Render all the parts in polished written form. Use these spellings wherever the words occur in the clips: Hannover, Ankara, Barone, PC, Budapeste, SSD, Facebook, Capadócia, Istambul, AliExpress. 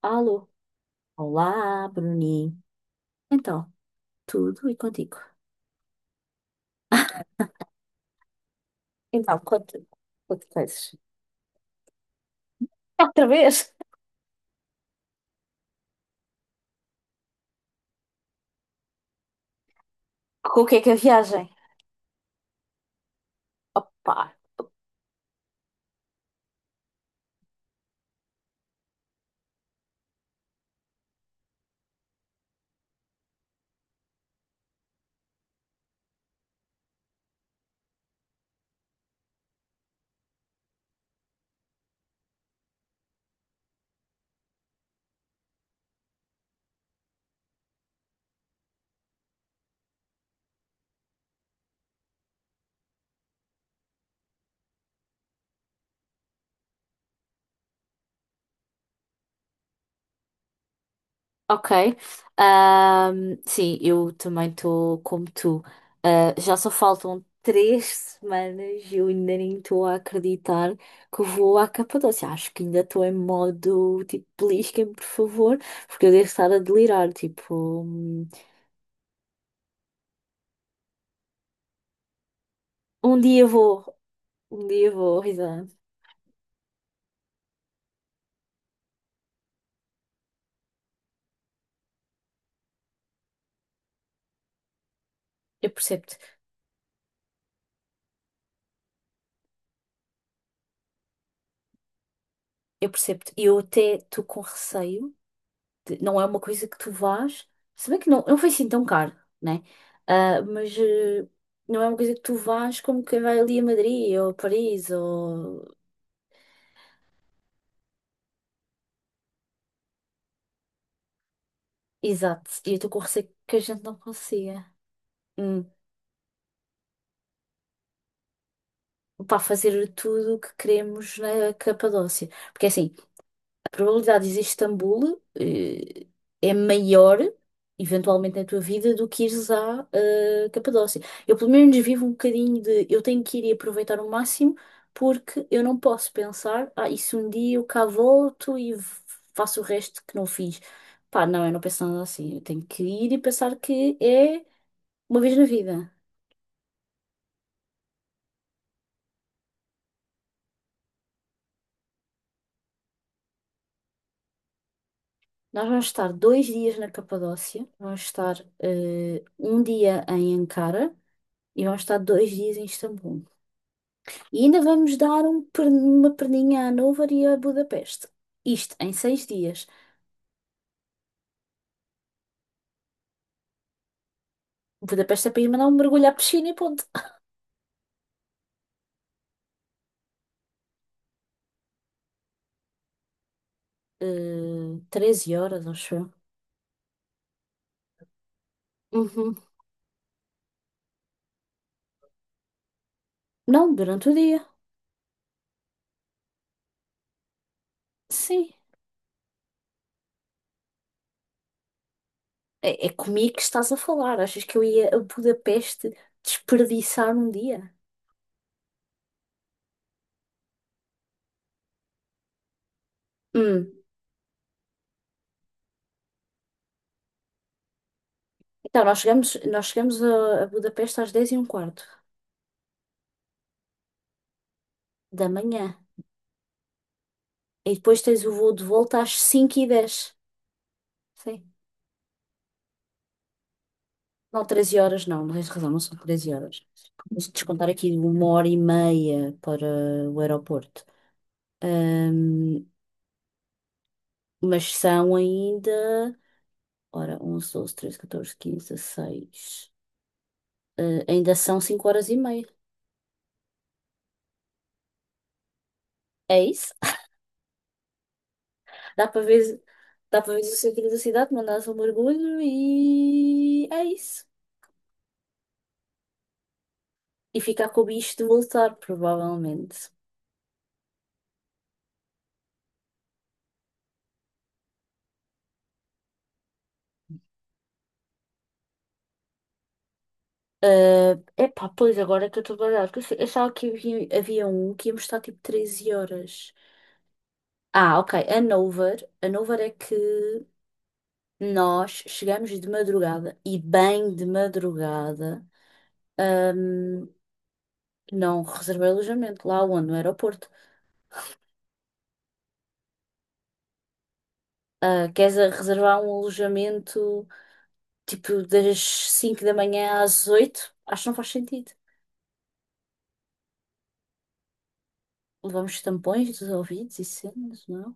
Alô. Olá, Bruni. Então, tudo e contigo? Então, quanto, quanto coisas? Outra vez? Com o que é a viagem? Opa. Ok. Sim, eu também estou como tu. Ah, já só faltam três semanas e eu ainda nem estou a acreditar que vou à Capadócia. Acho que ainda estou em modo tipo, belisquem-me, por favor, porque eu devo estar a delirar. Tipo, um, um dia vou, um dia vou, Rita. Eu percebo. Eu percebo-te. E eu até estou com receio. Não é uma coisa que tu vás. Se bem que não foi assim tão caro, né? Ah, mas não é uma coisa que tu vás como quem vai ali a Madrid ou a Paris ou. Exato. E eu estou com receio que a gente não consiga. Hum. Para fazer tudo o que queremos na Capadócia. Porque assim, a probabilidade de ires a Istambul é maior, eventualmente, na tua vida do que ires à Capadócia. Eu, pelo menos, vivo um bocadinho de eu tenho que ir e aproveitar o máximo, porque eu não posso pensar, ah, isso um dia eu cá volto e faço o resto que não fiz. Pá, não, eu não penso nada assim. Eu tenho que ir e pensar que é uma vez na vida. Nós vamos estar dois dias na Capadócia, vamos estar um dia em Ankara e vamos estar dois dias em Istambul. E ainda vamos dar uma perninha a Hannover e a Budapeste. Isto em seis dias. Budapeste é para ir mandar um mergulho à piscina e ponto. 13 horas, acho eu. Uhum. Não, durante o dia. Sim. É, é comigo que estás a falar. Achas que eu ia a Budapeste desperdiçar um dia? Hum. Então, a Budapeste às 10 e um quarto da manhã. E depois tens o voo de volta às 5 e dez. Sim. Não, 13 horas não, não tens razão, não são 13 horas. Vamos descontar aqui uma hora e meia para o aeroporto. Ahm, mas são ainda. Ora, 11, 12, 13, 14, 15, 16. Ah, ainda são 5 horas e meia. É isso? Dá para ver, dá para ver o centro da cidade, mandar um mergulho e. É isso. E ficar com o bicho de voltar, provavelmente. É, epá, pois agora é que eu estou baralhada. Porque eu achava que havia um que ia mostrar tipo 13 horas. Ah, ok. A Nover. A Nover é que nós chegamos de madrugada e bem de madrugada. ahm, não reservei alojamento lá onde, no aeroporto. Ah, queres reservar um alojamento tipo das 5 da manhã às 8? Acho que não faz sentido. Levamos tampões dos ouvidos e cenas, não?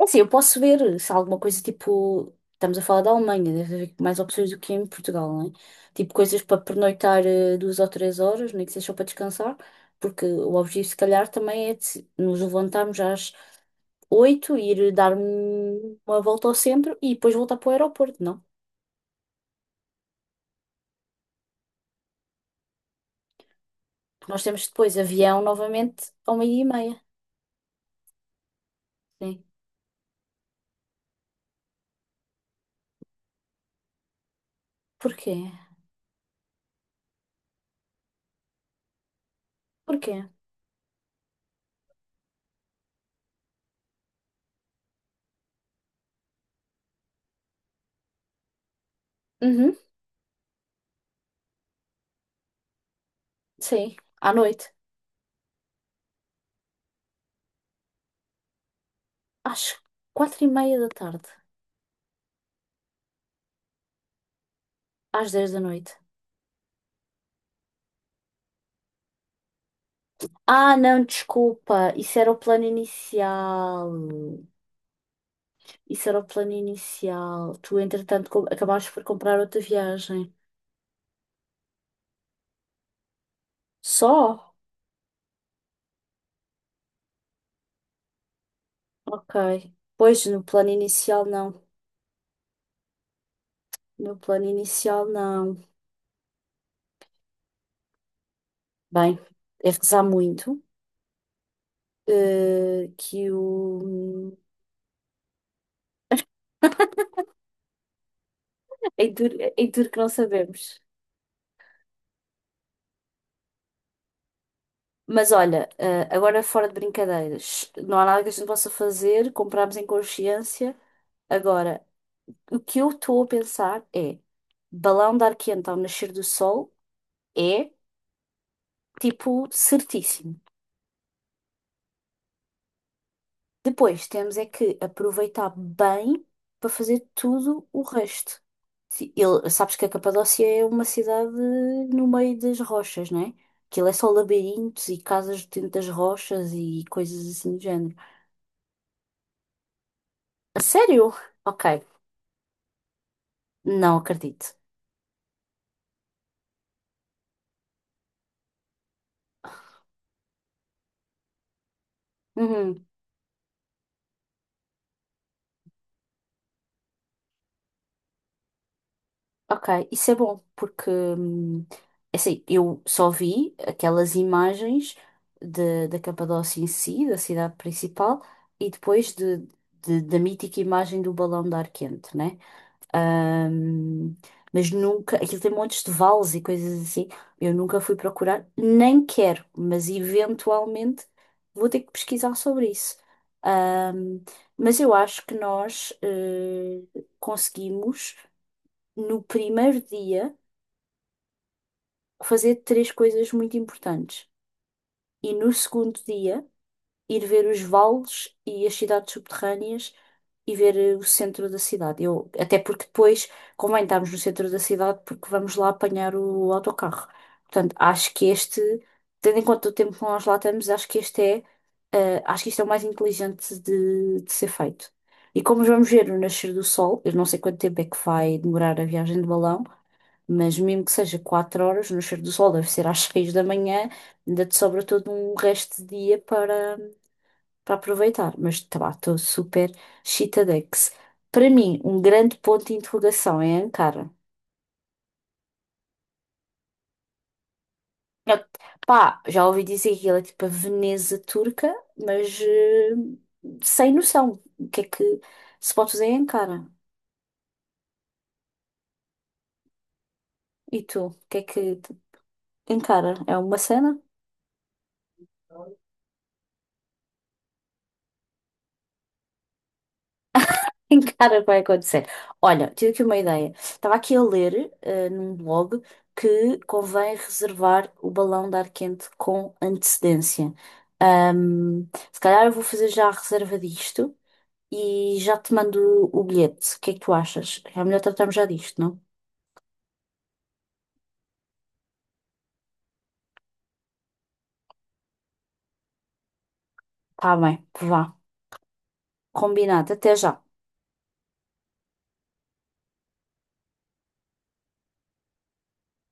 É assim, eu posso ver se há alguma coisa tipo. Estamos a falar da Alemanha, deve haver mais opções do que em Portugal, não é? Tipo coisas para pernoitar duas ou três horas, nem que seja só para descansar, porque o objetivo, se calhar, também é de nos levantarmos às oito, e ir dar uma volta ao centro e depois voltar para o aeroporto, não? Porque nós temos depois avião novamente ao meio-dia e meia. Sim. Porquê? Porquê? Uhum, sim. À noite. Às quatro e meia da tarde. Às dez da noite. Ah, não, desculpa. Isso era o plano inicial. Isso era o plano inicial. Tu, entretanto, acabaste por comprar outra viagem. Só? Ok. Pois, no plano inicial, não. No plano inicial, não. Bem, é rezar muito. Que o. É duro que não sabemos. Mas olha, agora fora de brincadeiras, não há nada que a gente possa fazer. Comprámos em consciência. Agora, o que eu estou a pensar é: balão de ar quente ao nascer do sol é tipo certíssimo. Depois temos é que aproveitar bem para fazer tudo o resto. Sabes que a Capadócia é uma cidade no meio das rochas, não é? Aquilo é só labirintos e casas dentro das rochas e coisas assim do género. A sério? Ok, não acredito. Uhum. Ok, isso é bom, porque é assim, eu só vi aquelas imagens da Capadócia em si, da cidade principal, e depois da mítica imagem do balão de ar quente, né? Hum, mas nunca, aquilo tem montes de vales e coisas assim, eu nunca fui procurar, nem quero, mas eventualmente vou ter que pesquisar sobre isso. Hum, mas eu acho que nós conseguimos no primeiro dia fazer três coisas muito importantes e no segundo dia ir ver os vales e as cidades subterrâneas e ver o centro da cidade. Eu, até porque depois convém estarmos no centro da cidade porque vamos lá apanhar o autocarro. Portanto, acho que este, tendo em conta o tempo que nós lá estamos, acho que este é, acho que isto é o mais inteligente de ser feito. E como vamos ver o nascer do sol, eu não sei quanto tempo é que vai demorar a viagem de balão. Mas mesmo que seja 4 horas, no cheiro do sol deve ser às 6 da manhã, ainda te sobra todo um resto de dia para aproveitar. Mas tá, lá, estou super chitadex. Para mim, um grande ponto de interrogação é Ankara. Eu- Pá, já ouvi dizer que ela é tipo a Veneza turca, mas sem noção. O que é que se pode fazer em Ankara? E tu, o que é que Ankara? É uma cena? Cara, vai acontecer. Olha, tive aqui uma ideia. Estava aqui a ler num blog que convém reservar o balão de ar quente com antecedência. Se calhar eu vou fazer já a reserva disto e já te mando o bilhete. O que é que tu achas? É melhor tratarmos já disto, não? Tá bem, vá. Combinado. Até já.